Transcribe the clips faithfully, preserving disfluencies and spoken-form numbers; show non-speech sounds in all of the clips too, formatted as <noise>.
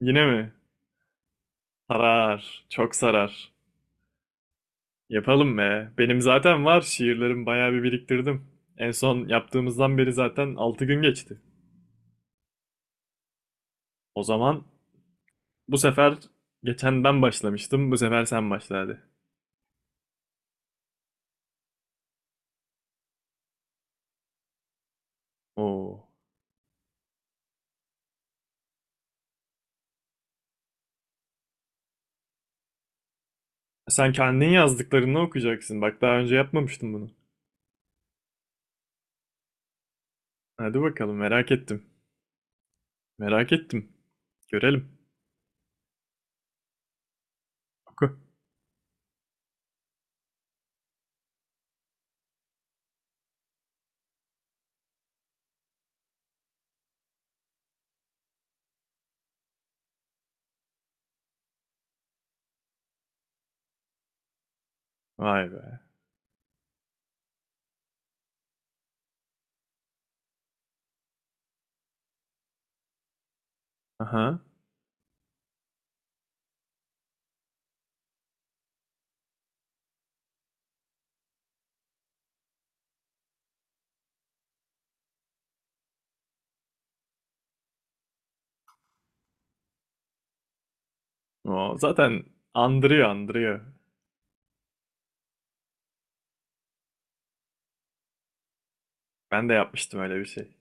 Yine mi? Sarar. Çok sarar. Yapalım be. Benim zaten var. Şiirlerim bayağı bir biriktirdim. En son yaptığımızdan beri zaten altı gün geçti. O zaman bu sefer geçen ben başlamıştım. Bu sefer sen başla hadi. Oo. Sen kendin yazdıklarını okuyacaksın. Bak daha önce yapmamıştım bunu. Hadi bakalım merak ettim. Merak ettim. Görelim. Oku. Vay be. Aha. Oo, zaten andırıyor andırıyor. Ben de yapmıştım öyle bir şey.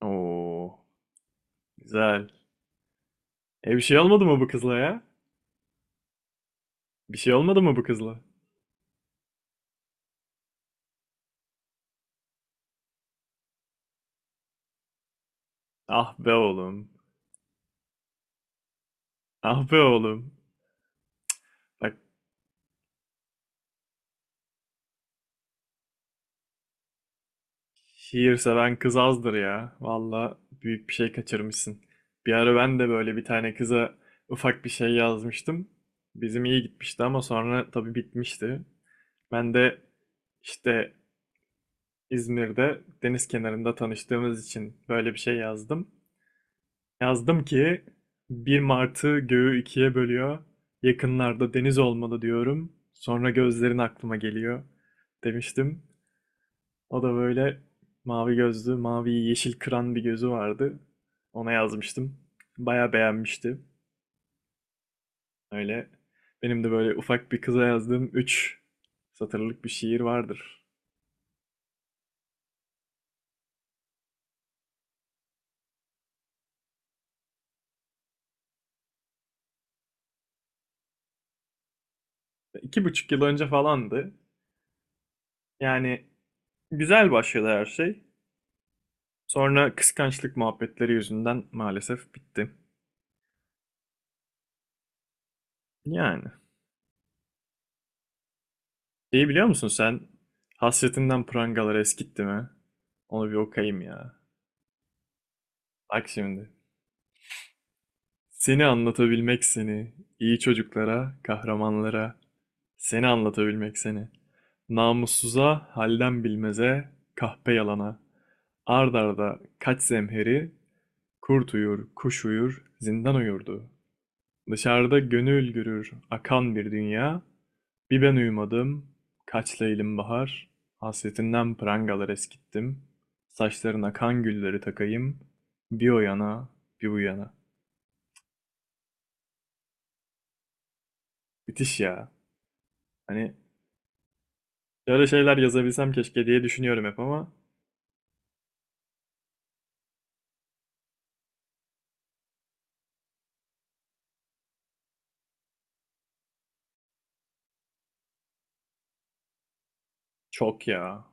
Oo. Güzel. E bir şey olmadı mı bu kızla ya? Bir şey olmadı mı bu kızla? Ah be oğlum. Ah be oğlum. Bak, şiir seven kız azdır ya. Valla büyük bir şey kaçırmışsın. Bir ara ben de böyle bir tane kıza ufak bir şey yazmıştım. Bizim iyi gitmişti ama sonra tabii bitmişti. Ben de işte İzmir'de deniz kenarında tanıştığımız için böyle bir şey yazdım. Yazdım ki bir Martı göğü ikiye bölüyor. Yakınlarda deniz olmalı diyorum. Sonra gözlerin aklıma geliyor demiştim. O da böyle mavi gözlü, mavi yeşil kıran bir gözü vardı. Ona yazmıştım. Baya beğenmişti. Öyle benim de böyle ufak bir kıza yazdığım üç satırlık bir şiir vardır. iki buçuk yıl önce falandı. Yani güzel başladı her şey. Sonra kıskançlık muhabbetleri yüzünden maalesef bitti. Yani. Şeyi biliyor musun sen? Hasretinden prangalar eskitti mi? Onu bir okuyayım ya. Bak şimdi. Seni anlatabilmek seni. İyi çocuklara, kahramanlara. Seni anlatabilmek seni. Namussuza, halden bilmeze, kahpe yalana. Ard arda kaç zemheri, kurt uyur, kuş uyur, zindan uyurdu. Dışarıda gönül gürür akan bir dünya. Bir ben uyumadım, kaç leylim bahar. Hasretinden prangalar eskittim. Saçlarına kan gülleri takayım. Bir o yana, bir bu yana. Müthiş ya. Hani böyle şeyler yazabilsem keşke diye düşünüyorum hep ama çok ya.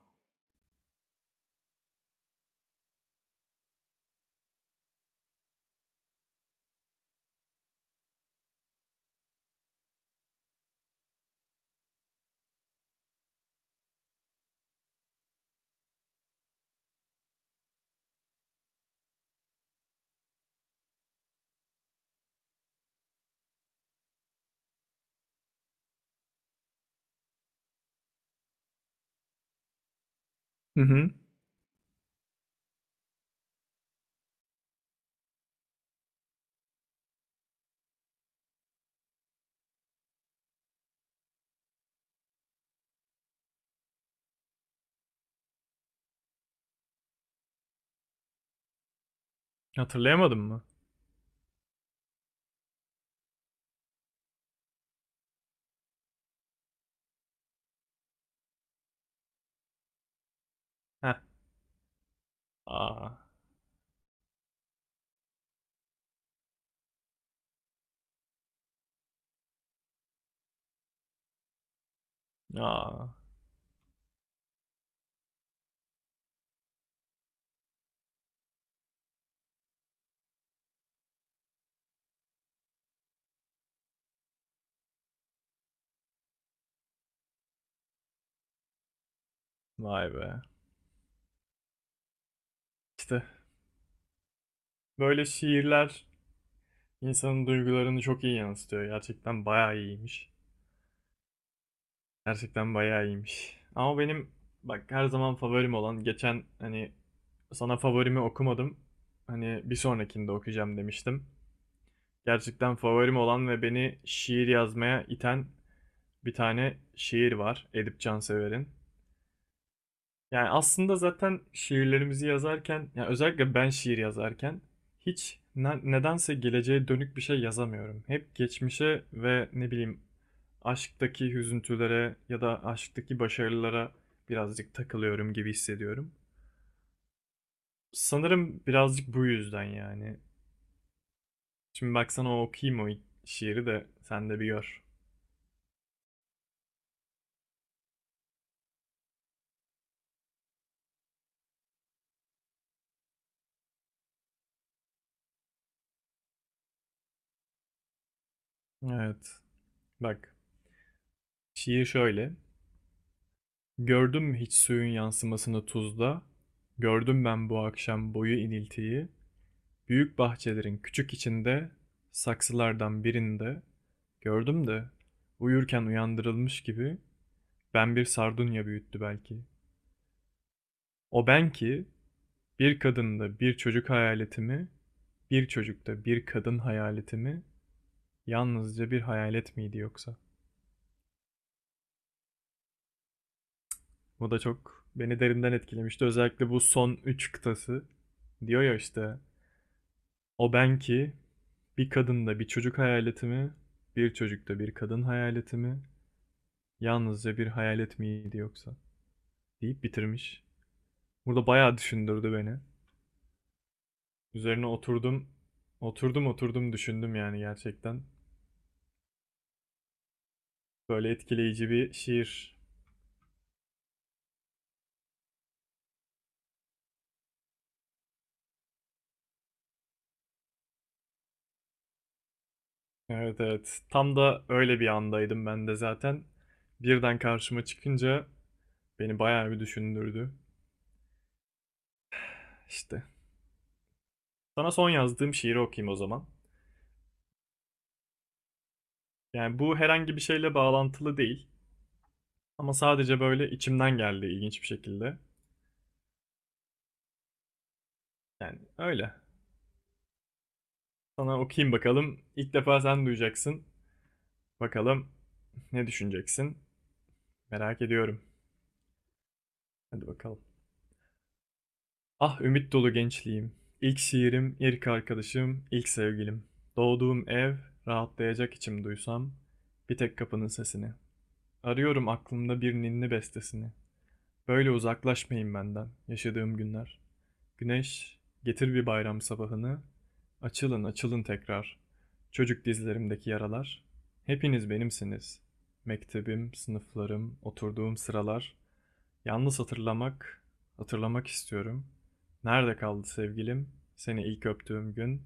Hı hı. Hatırlayamadın mı? Heh. Aa, aa, vay be. İşte böyle şiirler insanın duygularını çok iyi yansıtıyor. Gerçekten bayağı iyiymiş. Gerçekten bayağı iyiymiş. Ama benim bak, her zaman favorim olan geçen hani sana favorimi okumadım. Hani bir sonrakinde okuyacağım demiştim. Gerçekten favorim olan ve beni şiir yazmaya iten bir tane şiir var. Edip Cansever'in. Yani aslında zaten şiirlerimizi yazarken, yani özellikle ben şiir yazarken hiç ne- nedense geleceğe dönük bir şey yazamıyorum. Hep geçmişe ve ne bileyim aşktaki hüzüntülere ya da aşktaki başarılara birazcık takılıyorum gibi hissediyorum. Sanırım birazcık bu yüzden yani. Şimdi baksana, okuyayım o şiiri de sen de bir gör. Evet. Bak. Şiir şöyle. Gördün mü hiç suyun yansımasını tuzda? Gördüm ben bu akşam boyu iniltiyi. Büyük bahçelerin küçük içinde, saksılardan birinde. Gördüm de, uyurken uyandırılmış gibi, ben bir sardunya büyüttü belki. O ben ki, bir kadında bir çocuk hayaletimi, bir çocukta bir kadın hayaletimi, yalnızca bir hayalet miydi yoksa? Bu da çok beni derinden etkilemişti. Özellikle bu son üç kıtası. Diyor ya işte, O ben ki, bir kadında bir çocuk hayaleti mi, bir çocukta bir kadın hayaleti mi, yalnızca bir hayalet miydi yoksa? Deyip bitirmiş. Burada bayağı düşündürdü beni. Üzerine oturdum, oturdum oturdum düşündüm yani gerçekten. Böyle etkileyici bir şiir. Evet evet, tam da öyle bir andaydım ben de zaten. Birden karşıma çıkınca beni bayağı bir düşündürdü. İşte. Sana son yazdığım şiiri okuyayım o zaman. Yani bu herhangi bir şeyle bağlantılı değil. Ama sadece böyle içimden geldi ilginç bir şekilde. Yani öyle. Sana okuyayım bakalım. İlk defa sen duyacaksın. Bakalım ne düşüneceksin? Merak ediyorum. Hadi bakalım. Ah ümit dolu gençliğim. İlk şiirim, ilk arkadaşım, ilk sevgilim. Doğduğum ev, rahatlayacak içim duysam. Bir tek kapının sesini. Arıyorum aklımda bir ninni bestesini. Böyle uzaklaşmayın benden yaşadığım günler. Güneş, getir bir bayram sabahını. Açılın, açılın tekrar. Çocuk dizlerimdeki yaralar. Hepiniz benimsiniz. Mektebim, sınıflarım, oturduğum sıralar. Yalnız hatırlamak, hatırlamak istiyorum. Nerede kaldı sevgilim? Seni ilk öptüğüm gün.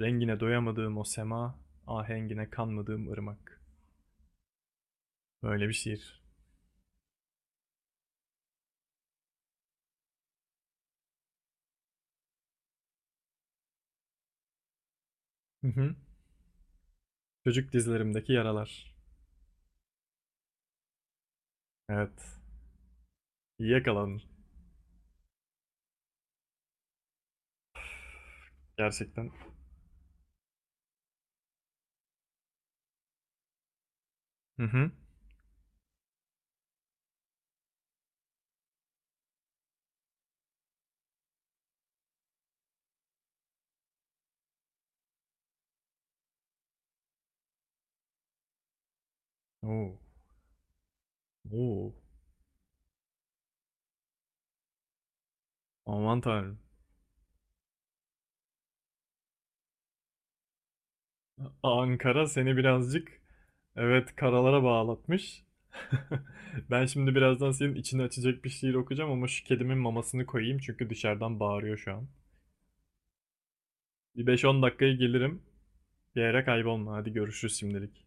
Rengine doyamadığım o sema, ahengine kanmadığım ırmak. Böyle bir şiir. Hı hı. Çocuk dizlerimdeki yaralar. Evet. İyi yakaladın. Gerçekten. Hı hı. Oo. Oo. Aman tanrım. Ankara seni birazcık, evet, karalara bağlatmış. <laughs> Ben şimdi birazdan senin içini açacak bir şiir okuyacağım ama şu kedimin mamasını koyayım çünkü dışarıdan bağırıyor şu an. Bir 5-10 dakikaya gelirim. Bir yere kaybolma. Hadi görüşürüz şimdilik.